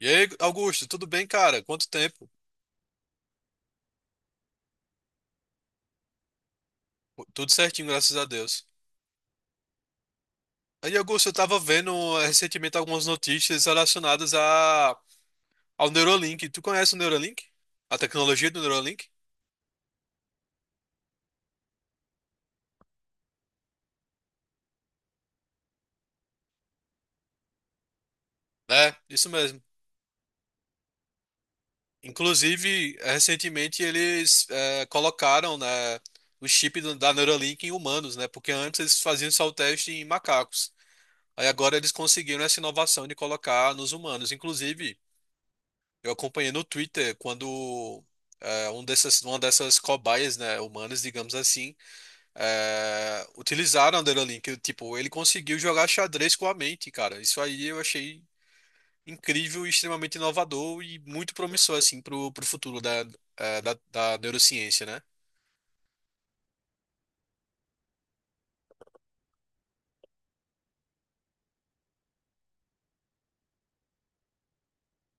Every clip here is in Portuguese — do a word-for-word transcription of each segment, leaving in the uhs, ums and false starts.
E aí, Augusto, tudo bem, cara? Quanto tempo? Tudo certinho, graças a Deus. Aí, Augusto, eu tava vendo eh, recentemente algumas notícias relacionadas a, ao Neuralink. Tu conhece o Neuralink? A tecnologia do Neuralink? É, isso mesmo. Inclusive, eh, recentemente eles eh, colocaram, né, o chip do- da Neuralink em humanos, né? Porque antes eles faziam só o teste em macacos. Aí agora eles conseguiram essa inovação de colocar nos humanos. Inclusive. Eu acompanhei no Twitter quando é, um dessas, uma dessas cobaias, né, humanas, digamos assim, é, utilizaram a Neuralink. Tipo, ele conseguiu jogar xadrez com a mente, cara. Isso aí eu achei incrível e extremamente inovador e muito promissor, assim, pro, pro futuro da, é, da, da neurociência, né?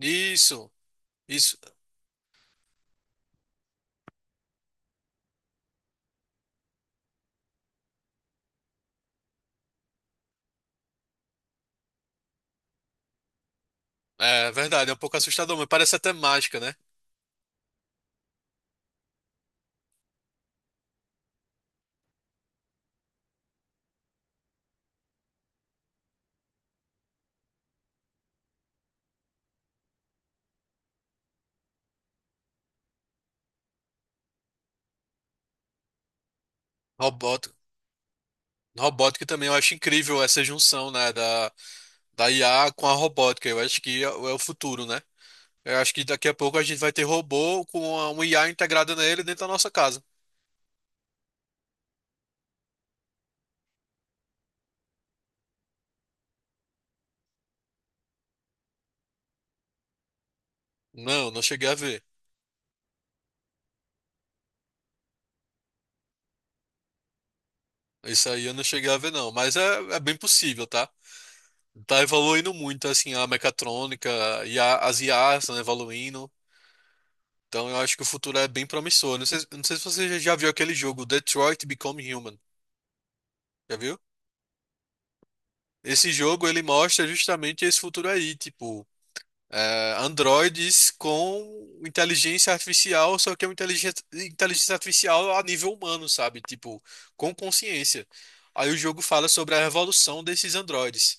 Isso, isso. É verdade, é um pouco assustador, mas parece até mágica, né? Robótica. Robótica também, eu acho incrível essa junção, né, da, da I A com a robótica. Eu acho que é é o futuro, né? Eu acho que daqui a pouco a gente vai ter robô com a- um I A integrado nele dentro da nossa casa. Não, não cheguei a ver. Isso aí eu não cheguei a ver, não. Mas é, é bem possível, tá? Tá evoluindo muito, assim, a mecatrônica e a- as I As estão evoluindo. Então eu acho que o futuro é bem promissor. Não sei, não sei se você já viu aquele jogo, Detroit Become Human. Já viu? Esse jogo, ele mostra justamente esse futuro aí, tipo... é, androides com inteligência artificial, só que é uma inteligência, inteligência artificial a nível humano, sabe? Tipo, com consciência. Aí o jogo fala sobre a revolução desses androides.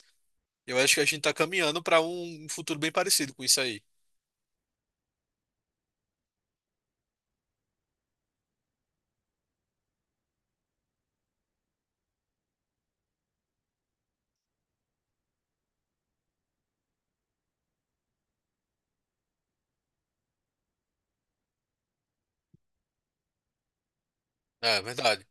Eu acho que a gente tá caminhando para um um futuro bem parecido com isso aí. É verdade,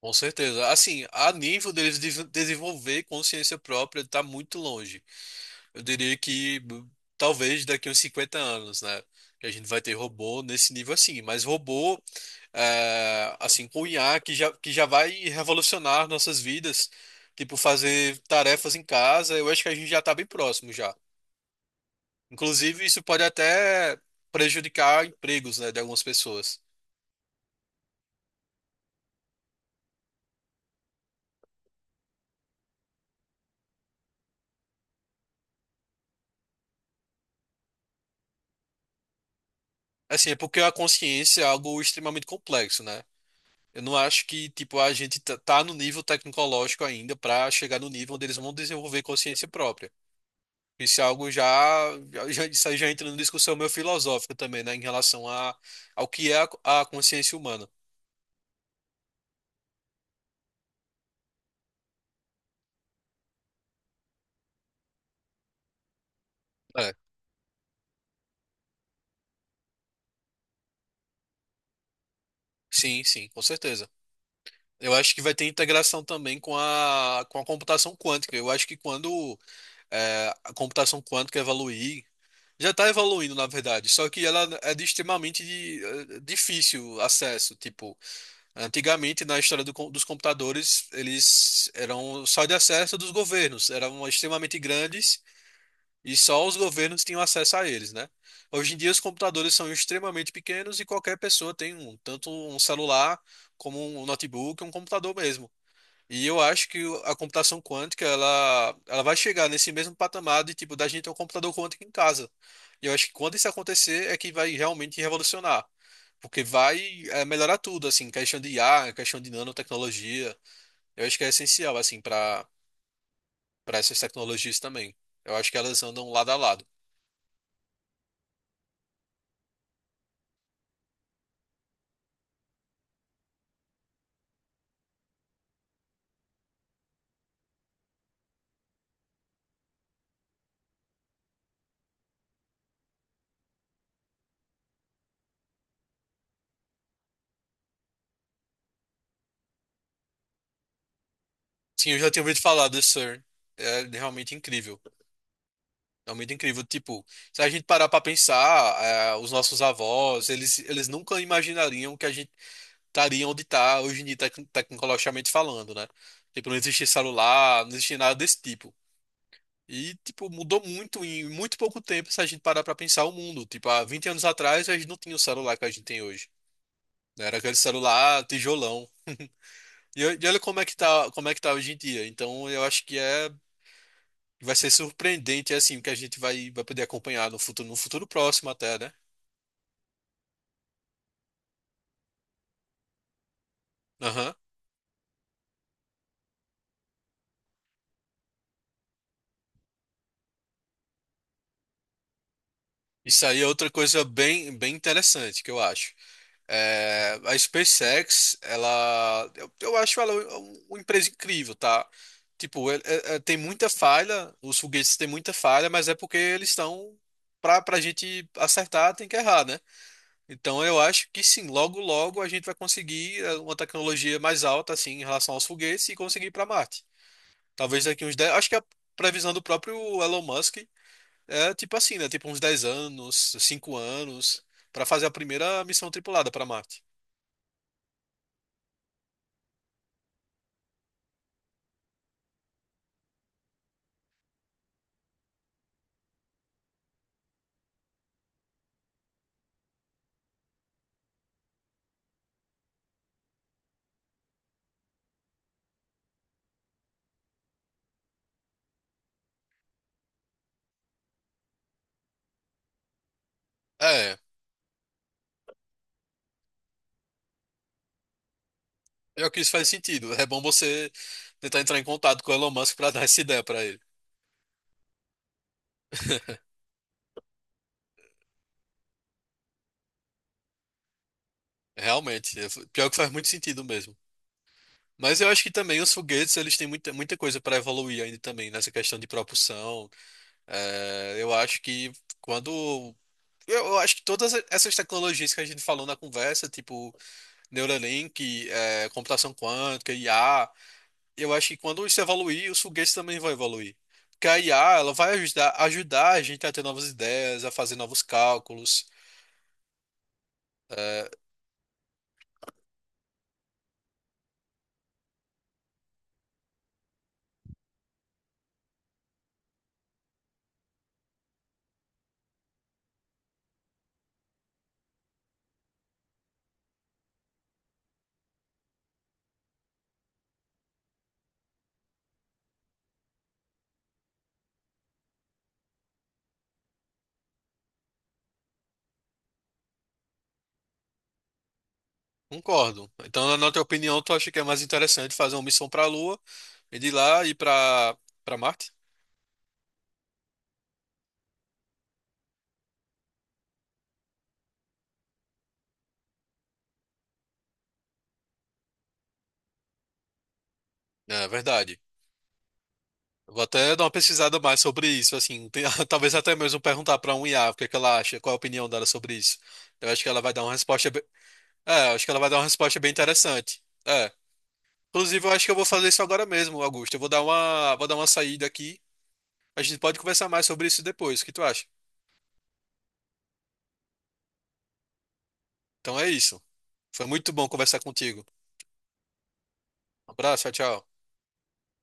com certeza. Assim, a nível deles de- desenvolver consciência própria, tá muito longe. Eu diria que hum, talvez daqui uns cinquenta anos, né? Que a gente vai ter robô nesse nível assim. Mas robô, é, assim, com I A que já, que já vai revolucionar nossas vidas. Tipo, fazer tarefas em casa, eu acho que a gente já tá bem próximo já. Inclusive, isso pode até prejudicar empregos, né, de algumas pessoas. Assim, é porque a consciência é algo extremamente complexo, né? Eu não acho que, tipo, a gente tá tá no nível tecnológico ainda para chegar no nível onde eles vão desenvolver consciência própria. Isso é algo já, já, isso aí já entra numa discussão meio filosófica também, né, em relação a, ao que é a, a consciência humana. É, sim, sim, com certeza. Eu acho que vai ter integração também com a, com a computação quântica. Eu acho que quando é, a computação quântica evoluir, já está evoluindo, na verdade, só que ela é de extremamente de- eh, difícil acesso. Tipo, antigamente, na história do com- dos computadores, eles eram só de acesso dos governos, eram extremamente grandes. E só os governos tinham acesso a eles, né? Hoje em dia, os computadores são extremamente pequenos e qualquer pessoa tem um, tanto um celular como um notebook, um computador mesmo. E eu acho que o- a computação quântica, ela, ela vai chegar nesse mesmo patamar de, tipo, da gente ter um computador quântico em casa. E eu acho que quando isso acontecer é que vai realmente revolucionar. Porque vai, eh, melhorar tudo, assim, questão de I A, questão de nanotecnologia. Eu acho que é essencial, assim, para para essas tecnologias também. Eu acho que elas andam lado a lado. Sim, eu já tinha ouvido falar do Sir. É realmente incrível. Realmente incrível. Tipo, se a gente parar pra pensar, é, os nossos avós, eles, eles nunca imaginariam que a gente estaria onde está hoje em dia, tec- tecnologicamente falando, né? Tipo, não existia celular, não existia nada desse tipo. E, tipo, mudou muito em muito pouco tempo se a gente parar pra pensar o mundo. Tipo, há vinte anos atrás, a gente não tinha o celular que a gente tem hoje, né? Era aquele celular tijolão. E, o- e olha como é que tá, como é que tá hoje em dia. Então, eu acho que é. E vai ser surpreendente, é assim, o que a gente vai, vai poder acompanhar no futuro, no futuro próximo até, né? Aham. Isso aí é outra coisa bem, bem interessante que eu acho. É, a SpaceX, ela, eu, eu acho ela um- um, uma empresa incrível, tá? Tipo, é- é- é- tem muita falha, os foguetes têm muita falha, mas é porque eles estão para para a gente acertar, tem que errar, né? Então eu acho que sim, logo logo a gente vai conseguir é, uma tecnologia mais alta assim em relação aos foguetes e conseguir ir para Marte. Talvez daqui uns dez. Acho que a previsão do próprio Elon Musk é tipo assim, né? Tipo uns dez anos, cinco anos, para fazer a primeira missão tripulada para Marte. É, eu que isso faz sentido. É bom você tentar entrar em contato com o Elon Musk para dar essa ideia para ele. Realmente, é, pior que faz muito sentido mesmo. Mas eu acho que também os foguetes, eles têm muita, muita coisa para evoluir ainda também nessa questão de propulsão. É, eu acho que quando Eu eu acho que todas essas tecnologias que a gente falou na conversa, tipo Neuralink, é, computação quântica, I A. Eu acho que quando isso evoluir, os foguetes também vão evoluir. Porque a I A, ela vai ajudar, ajudar a gente a ter novas ideias, a fazer novos cálculos. É, concordo. Então, na na tua opinião, tu acha que é mais interessante fazer uma missão para a Lua e de lá ir para para Marte? É verdade. Eu vou até dar uma pesquisada mais sobre isso, assim, tem- talvez até mesmo perguntar para um I A o que é que ela acha, qual a opinião dela sobre isso. Eu acho que ela vai dar uma resposta. É, acho que ela vai dar uma resposta bem interessante. É. Inclusive, eu acho que eu vou fazer isso agora mesmo, Augusto. Eu vou dar uma, vou dar uma saída aqui. A gente pode conversar mais sobre isso depois. O que tu acha? Então é isso. Foi muito bom conversar contigo. Um abraço, tchau, tchau.